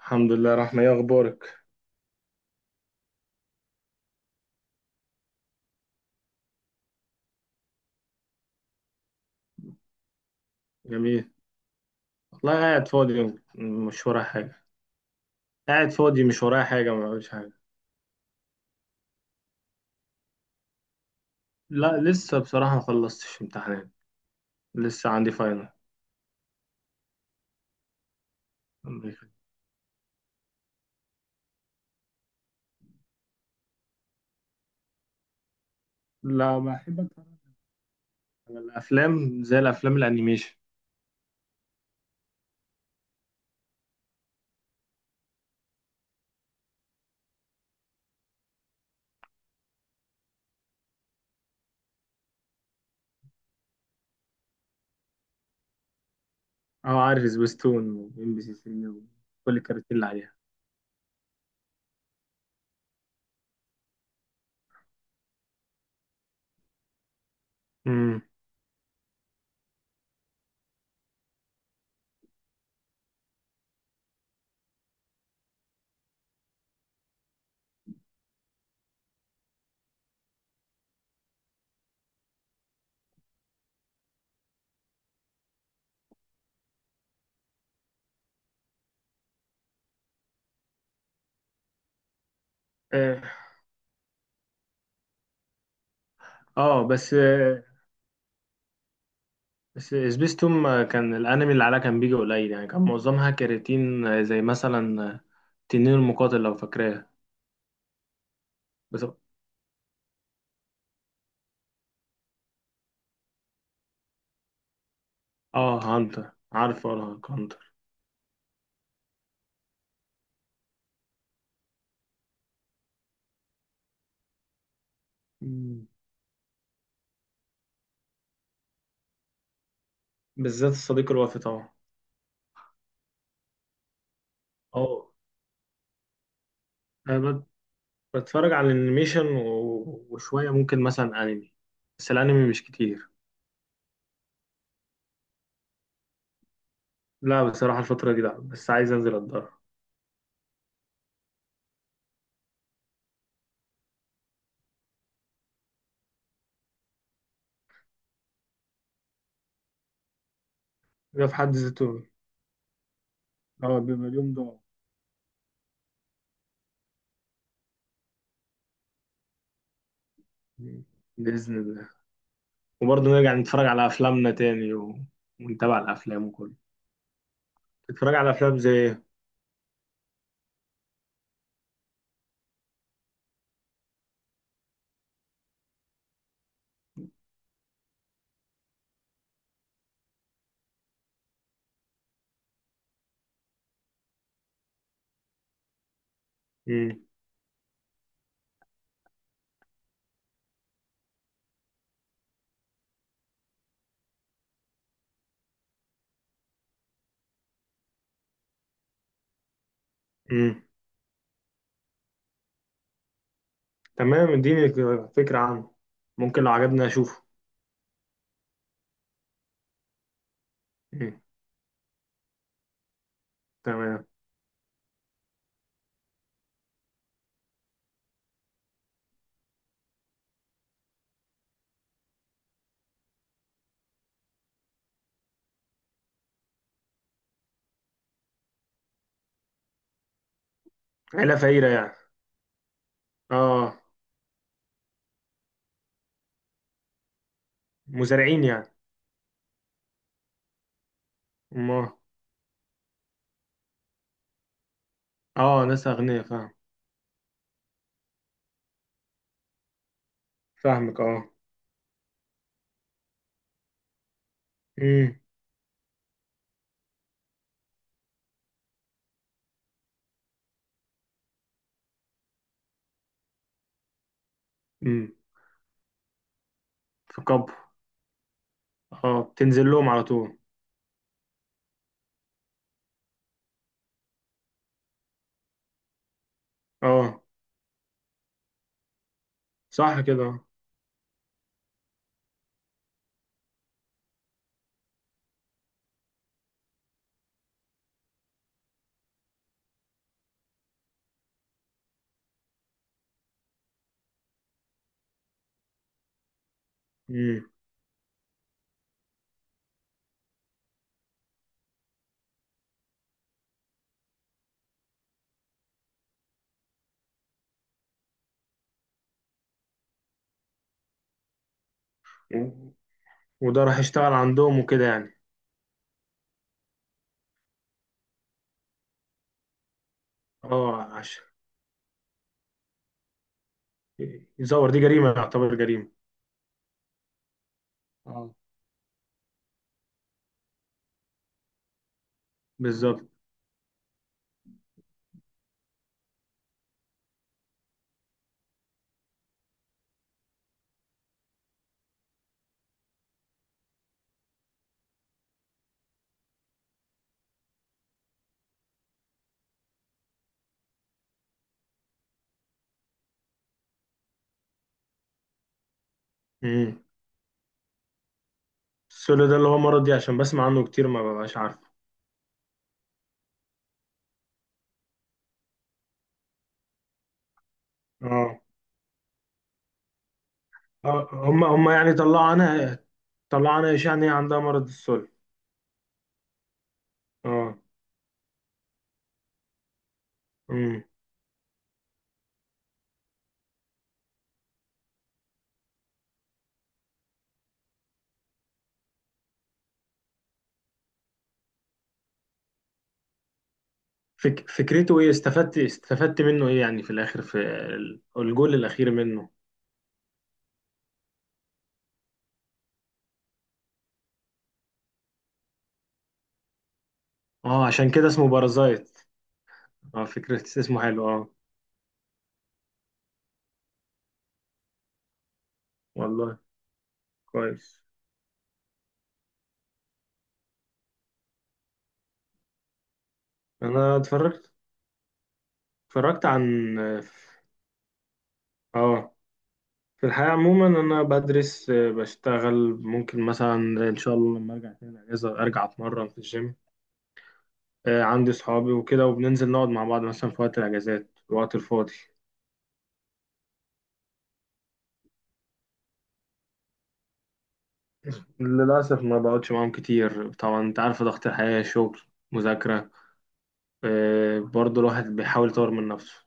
الحمد لله، رحمة. ايه اخبارك؟ جميل. والله مش ورايا حاجة قاعد فاضي مش ورايا حاجة ما بعملش حاجة. لا، لسه بصراحة ما خلصتش امتحانات، لسه عندي فاينل. لا، بحب اتفرج على الافلام، زي الافلام الانيميشن. اه، عارف سبيستون وام بي سي 3 وكل الكارتين اللي عليها. امم اه. آه، بس آه، بس سبيستون كان الانمي اللي عليها كان بيجي قليل، يعني كان معظمها كراتين، زي مثلا، تنين المقاتل لو فاكراها. بس اه، هانتر، عارف؟ ارهق هانتر. مم. بالذات الصديق الوفي طبعا. اه، انا بت- بتفرج على الانيميشن وشويه ممكن مثلا انمي، بس الانمي مش كتير. لا بصراحه الفتره دي لا، بس عايز انزل اتدرب. ده في حد ذاته. اه، بيبقى اليوم ده. مم. باذن الله. وبرضه نرجع نتفرج على افلامنا تاني ونتابع الافلام وكله. تتفرج على افلام زي ايه؟ مم. مم. تمام، اديني فكره عنه، ممكن لو عجبني اشوفه. مم. تمام. عيله فقيره يعني؟ اه. مزارعين يعني؟ ما. اه، ناس اغنياء، فاهم، فاهمك، اه. امم. امم. في كابو. اه، بتنزل لهم على طول. اه، صح كده. امم. و- وده راح يشتغل عندهم وكده يعني. اه، عشان يزور، دي جريمة، يعتبر جريمة. اه، بالظبط. امم. السولو ده اللي هو مرض، دي عشان بسمع عنه كتير ما ببقاش عارف. اه، هم يعني طلعوا عنها، طلعوا عنها إشاعة إن هي عندها مرض السل. اه. امم. فكرته ايه؟ استفدت منه ايه يعني في الاخر، في الجول الاخير منه؟ اه، عشان كده اسمه بارازايت. اه، فكرة اسمه حلو، اه. والله. كويس. انا اتفرجت عن اه، آه، في الحياة عموما انا بدرس، بشتغل، ممكن مثلا ان شاء الله لما ارجع تاني الاجازة ارجع اتمرن في الجيم. عندي صحابي وكده، وبننزل نقعد مع بعض مثلا في وقت الاجازات، الوقت الفاضي. للأسف ما بقعدش معاهم كتير، طبعا انت عارف ضغط الحياة، شغل، مذاكرة. برضه الواحد بيحاول يطور من نفسه.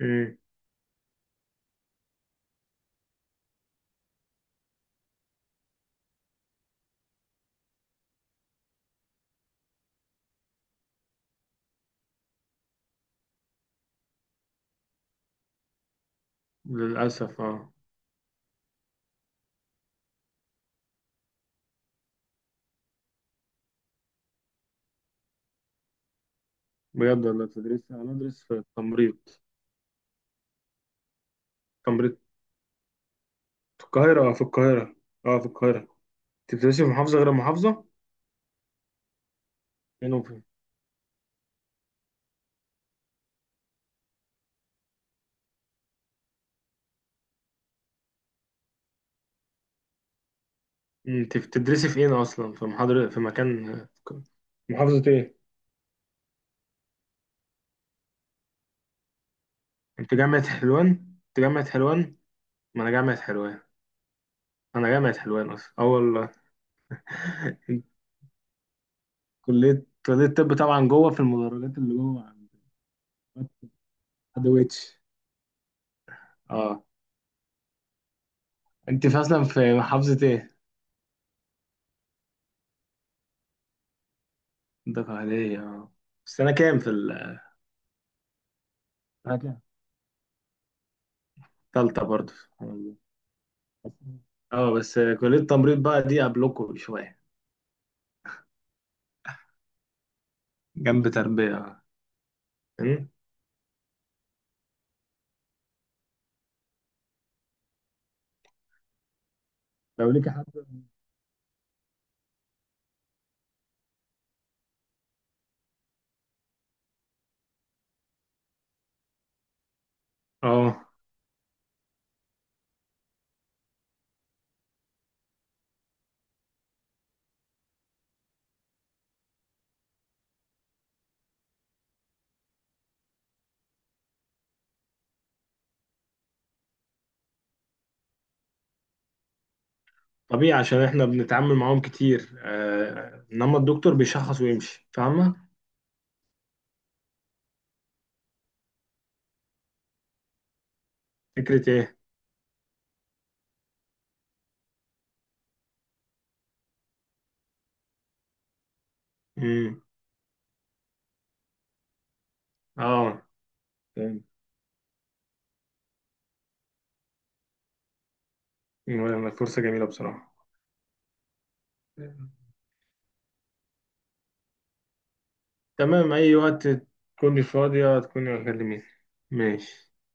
امم. للأسف اه. بجد والله تدريس، أنا أدرس في التمريض. تمريض. في القاهرة، اه في القاهرة. اه في القاهرة. أنت بتدرسي في محافظة غير محافظة؟ فين وفين؟ مم، أنت بتدرسي في ايه أصلا؟ في محاضرة في مكان، في محافظة ايه؟ انت جامعة حلوان؟ انت جامعة حلوان؟ ما انا جامعة حلوان. انا جامعة حلوان اصلا اه والله. كلية، كلية الطب طبعا، جوه في المدرجات اللي جوه عند، عند ويتش. اه. انت في اصلا في محافظة ايه؟ ده عادية اه. بس أنا كام في حاجة. التالتة برضه. اه، بس كلية تمريض بقى دي قبلكم بشوية. جنب تربية. م؟ لو ليك حد. اه، طبيعي عشان احنا بنتعامل معاهم كتير، آه انما الدكتور بيشخص ويمشي، فاهمة؟ فكرة ايه؟ امم. اه. فاهم. مم، فرصة جميلة بصراحة. تمام اي وقت، تكوني فاضية تكوني هتكلميني. ماشي.